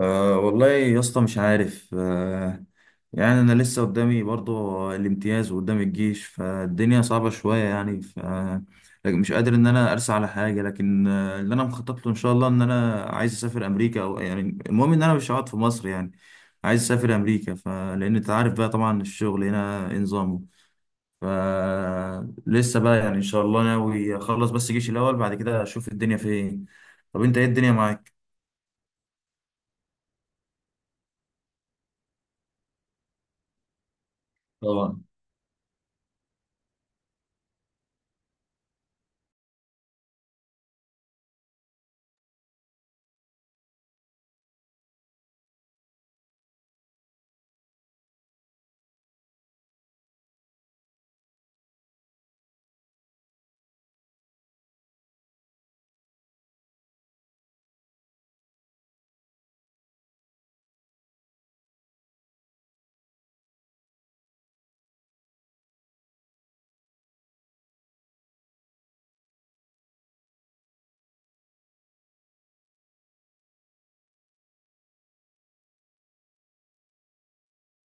والله يا اسطى، مش عارف. يعني انا لسه قدامي برضو الامتياز وقدام الجيش، فالدنيا صعبة شوية يعني. لكن مش قادر ان انا ارسى على حاجة. لكن اللي انا مخطط له ان شاء الله ان انا عايز اسافر امريكا او يعني، المهم ان انا مش هقعد في مصر يعني. عايز اسافر امريكا فلان، انت عارف بقى طبعا الشغل هنا إيه نظامه. ف لسه بقى يعني ان شاء الله ناوي اخلص بس جيش الاول، بعد كده اشوف الدنيا فين. طب انت ايه الدنيا معاك؟ طبعا.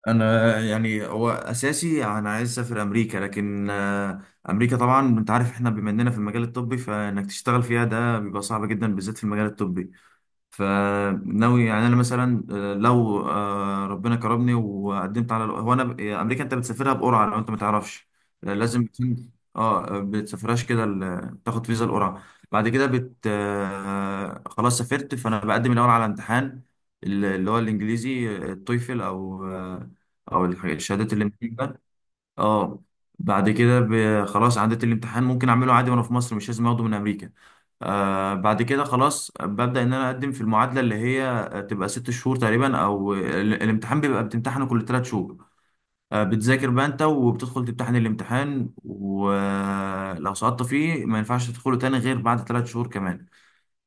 انا يعني هو اساسي انا عايز اسافر امريكا، لكن امريكا طبعا انت عارف، احنا بما اننا في المجال الطبي فانك تشتغل فيها ده بيبقى صعب جدا بالذات في المجال الطبي. فناوي يعني انا مثلا، لو ربنا كرمني وقدمت على، هو انا امريكا انت بتسافرها بقرعه لو انت ما تعرفش. لازم بتسافرهاش كده، تاخد فيزا القرعه. بعد كده بت آه، خلاص سافرت، فانا بقدم الاول على امتحان، اللي هو الانجليزي، التويفل او الشهادات اللي من ده. اه، بعد كده خلاص عديت الامتحان، ممكن اعمله عادي وانا في مصر، مش لازم اخده من امريكا. بعد كده خلاص ببدأ إن أنا أقدم في المعادلة، اللي هي تبقى ست شهور تقريبا، أو الامتحان بيبقى بتمتحنه كل تلات شهور. بتذاكر بقى أنت وبتدخل تمتحن الامتحان، ولو سقطت فيه ما ينفعش تدخله تاني غير بعد تلات شهور كمان.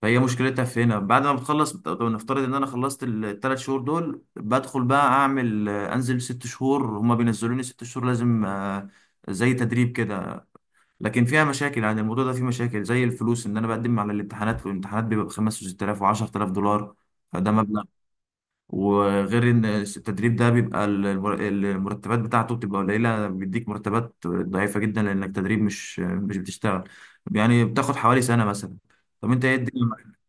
فهي مشكلتها في هنا، بعد ما بتخلص نفترض إن أنا خلصت التلات شهور دول، بدخل بقى أعمل، أنزل ست شهور، هما بينزلوني ست شهور لازم زي تدريب كده. لكن فيها مشاكل، يعني الموضوع ده فيه مشاكل زي الفلوس، ان انا بقدم على الامتحانات والامتحانات بيبقى ب 5 و6000 و10000 دولار. فده مبلغ. وغير ان التدريب ده بيبقى المرتبات بتاعته بتبقى قليله، بيديك مرتبات ضعيفه جدا لانك تدريب مش بتشتغل، يعني بتاخد حوالي سنه مثلا. طب انت ايه الدنيا معاك؟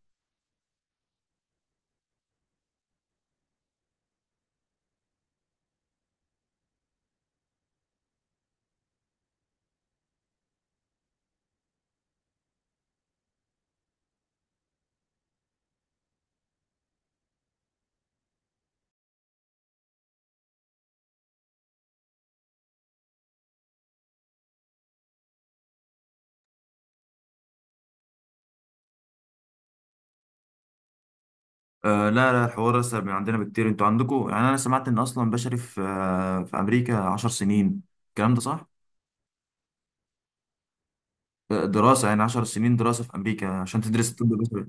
لا لا، الحوار اسهل من عندنا بكتير. انتوا عندكم يعني، انا سمعت ان اصلا بشري في امريكا 10 سنين، الكلام ده صح؟ دراسه يعني 10 سنين دراسه في امريكا عشان تدرس طب بشري.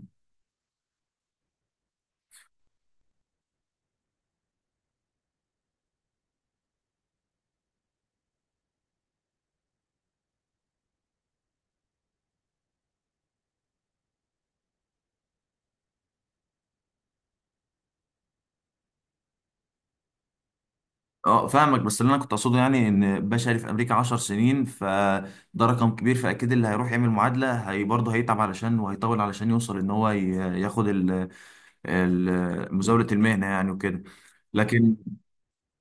اه فاهمك، بس اللي انا كنت اقصده يعني ان بشري في امريكا 10 سنين، فده رقم كبير، فاكيد اللي هيروح يعمل معادله هي برضه هيتعب علشان وهيطول علشان يوصل ان هو ياخد مزاوله المهنه يعني وكده. لكن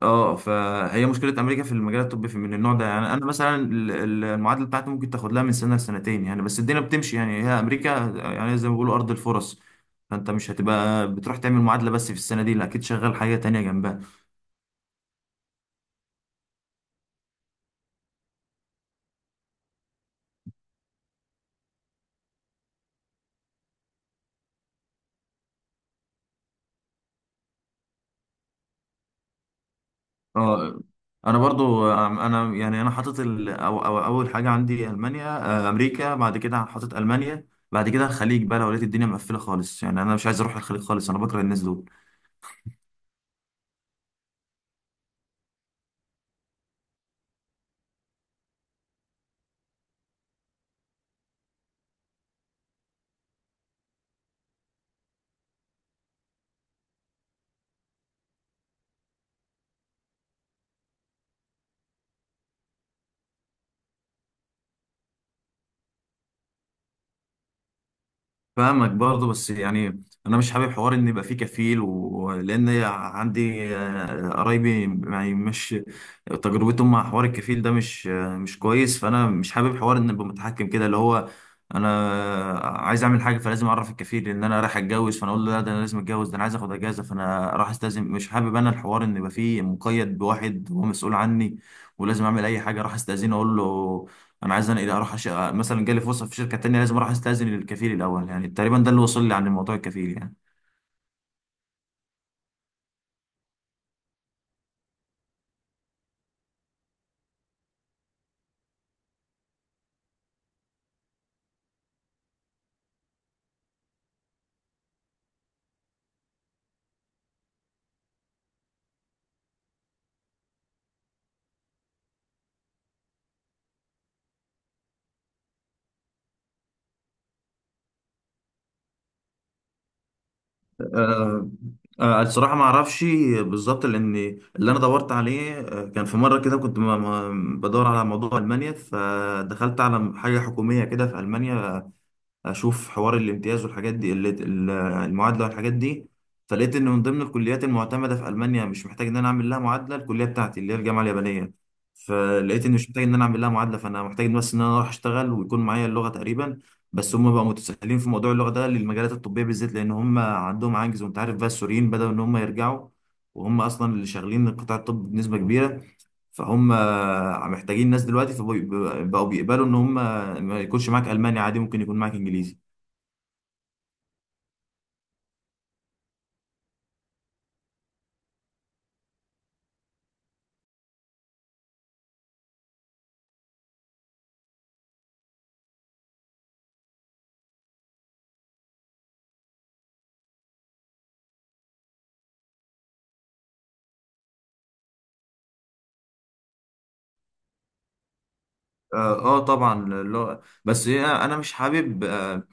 اه فهي مشكله امريكا في المجال الطبي في من النوع ده. يعني انا مثلا المعادله بتاعتي ممكن تاخد لها من سنه لسنتين يعني، بس الدنيا بتمشي يعني، هي امريكا يعني زي ما بيقولوا ارض الفرص. فانت مش هتبقى بتروح تعمل معادله بس في السنه دي، لا اكيد شغال حاجه تانية جنبها. اه انا برضو، انا يعني انا حاطط اول حاجه عندي المانيا. امريكا، بعد كده حاطط المانيا، بعد كده الخليج بقى لو لقيت الدنيا مقفله خالص. يعني انا مش عايز اروح الخليج خالص، انا بكره الناس دول. فاهمك برضه، بس يعني انا مش حابب حوار ان يبقى فيه كفيل، ولان عندي قرايبي، يعني مش تجربتهم مع حوار الكفيل ده مش كويس. فانا مش حابب حوار ان ابقى متحكم كده، اللي هو انا عايز اعمل حاجه فلازم اعرف الكفيل ان انا رايح اتجوز، فانا اقول له لا ده انا لازم اتجوز، ده انا عايز اخد اجازه فانا راح استاذن. مش حابب انا الحوار ان يبقى فيه مقيد بواحد هو مسؤول عني، ولازم اعمل اي حاجه راح استاذنه اقول له انا عايز، انا اذا اروح مثلا جالي فرصه في شركه تانية، لازم اروح استاذن للكفيل الاول. يعني تقريبا ده اللي وصل لي عن موضوع الكفيل يعني. أه أه، الصراحه ما اعرفش بالظبط، لان اللي انا دورت عليه كان في مره كده كنت بدور على موضوع المانيا، فدخلت على حاجه حكوميه كده في المانيا اشوف حوار الامتياز والحاجات دي، المعادله والحاجات دي. فلقيت ان من ضمن الكليات المعتمده في المانيا مش محتاج ان انا اعمل لها معادله، الكليه بتاعتي اللي هي الجامعه اليابانيه. فلقيت ان مش محتاج ان انا اعمل لها معادله، فانا محتاج بس ان انا اروح اشتغل ويكون معايا اللغه تقريبا. بس هم بقى متساهلين في موضوع اللغه ده للمجالات الطبيه بالذات، لان هم عندهم عجز، وانت عارف بقى السوريين بداوا ان هم يرجعوا، وهم اصلا اللي شغالين قطاع الطب بنسبه كبيره، فهم محتاجين ناس دلوقتي، فبقوا بقوا بيقبلوا ان هم ما يكونش معاك الماني عادي، ممكن يكون معاك انجليزي. اه. طبعا اللغه، بس هي انا مش حابب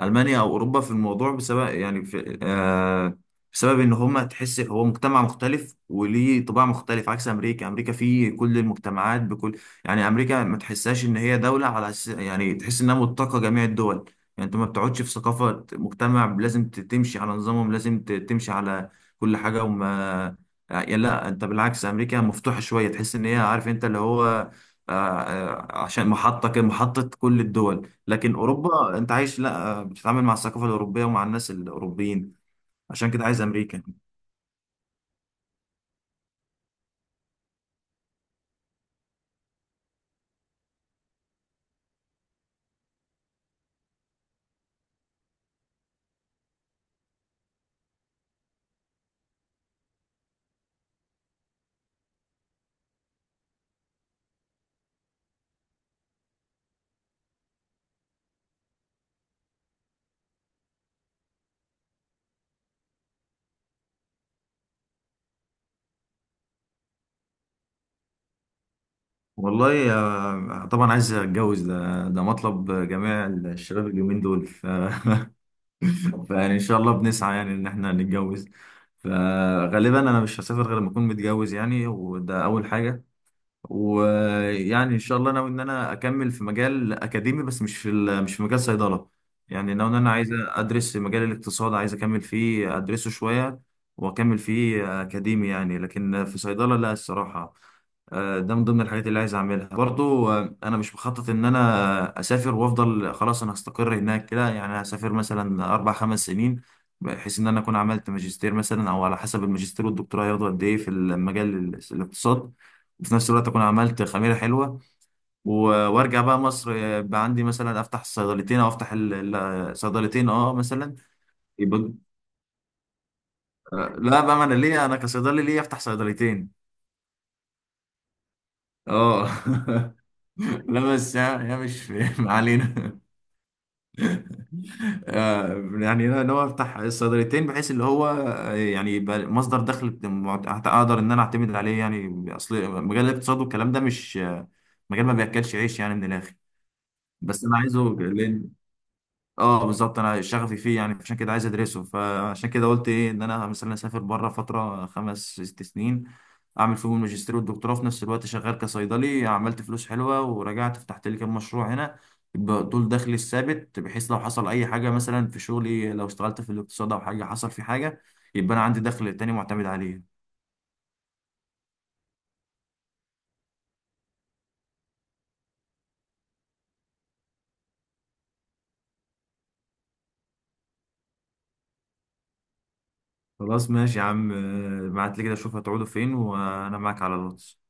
ألمانيا أو أوروبا في الموضوع بسبب، يعني في آه بسبب إن هما تحس هو مجتمع مختلف وليه طباع مختلف، عكس أمريكا. أمريكا فيه كل المجتمعات بكل، يعني أمريكا ما تحسهاش إن هي دولة على يعني تحس إنها متقة جميع الدول. يعني أنت ما بتقعدش في ثقافة مجتمع لازم تمشي على نظامهم، لازم تمشي على كل حاجة يعني لا، أنت بالعكس أمريكا مفتوحة شوية، تحس إن هي، عارف أنت اللي هو عشان محطة كل الدول. لكن اوروبا انت عايش لا، بتتعامل مع الثقافة الأوروبية ومع الناس الأوروبيين، عشان كده عايز أمريكا. والله طبعا عايز أتجوز، ده مطلب جميع الشباب اليومين دول فيعني إن شاء الله بنسعى يعني إن إحنا نتجوز. فغالبا أنا مش هسافر غير لما أكون متجوز يعني، وده أول حاجة. ويعني ان شاء الله ناوي ان انا اكمل في مجال اكاديمي، بس مش في مجال صيدله. يعني ناوي ان انا عايز ادرس مجال الاقتصاد، عايز اكمل فيه ادرسه شويه واكمل فيه اكاديمي يعني، لكن في صيدله لا الصراحه. ده من ضمن الحاجات اللي عايز اعملها برضو. انا مش مخطط ان انا اسافر وافضل خلاص انا هستقر هناك كده، يعني هسافر مثلا اربع خمس سنين، بحيث ان انا اكون عملت ماجستير مثلا، او على حسب الماجستير والدكتوراه هياخدوا قد ايه في المجال الاقتصاد، وفي نفس الوقت اكون عملت خميره حلوه، وارجع بقى مصر. بقى عندي مثلا افتح الصيدلتين او افتح صيدلتين اه مثلا. يبقى لا بقى، ما انا ليه انا كصيدلي ليه افتح صيدلتين؟ اه لا بس، يا مش ما علينا. آه، يعني انا ناوي افتح الصيدليتين بحيث اللي هو يعني يبقى مصدر دخل، اقدر ان انا اعتمد عليه. يعني اصل مجال الاقتصاد والكلام ده مش مجال ما بياكلش عيش يعني من الاخر. بس انا عايزه، اه بالظبط انا شغفي فيه، يعني عشان كده عايز ادرسه. فعشان كده قلت ايه ان انا مثلا اسافر بره فتره خمس ست سنين، اعمل فيهم الماجستير والدكتوراه في نفس الوقت شغال كصيدلي، عملت فلوس حلوه ورجعت فتحت لي كام مشروع هنا. يبقى دول دخلي الثابت، بحيث لو حصل اي حاجه مثلا في شغلي، لو اشتغلت في الاقتصاد او حاجه حصل في حاجه، يبقى انا عندي دخل تاني معتمد عليه. خلاص ماشي يا عم. بعت لي كده اشوف هتقعدوا فين، وانا معاك على الواتس.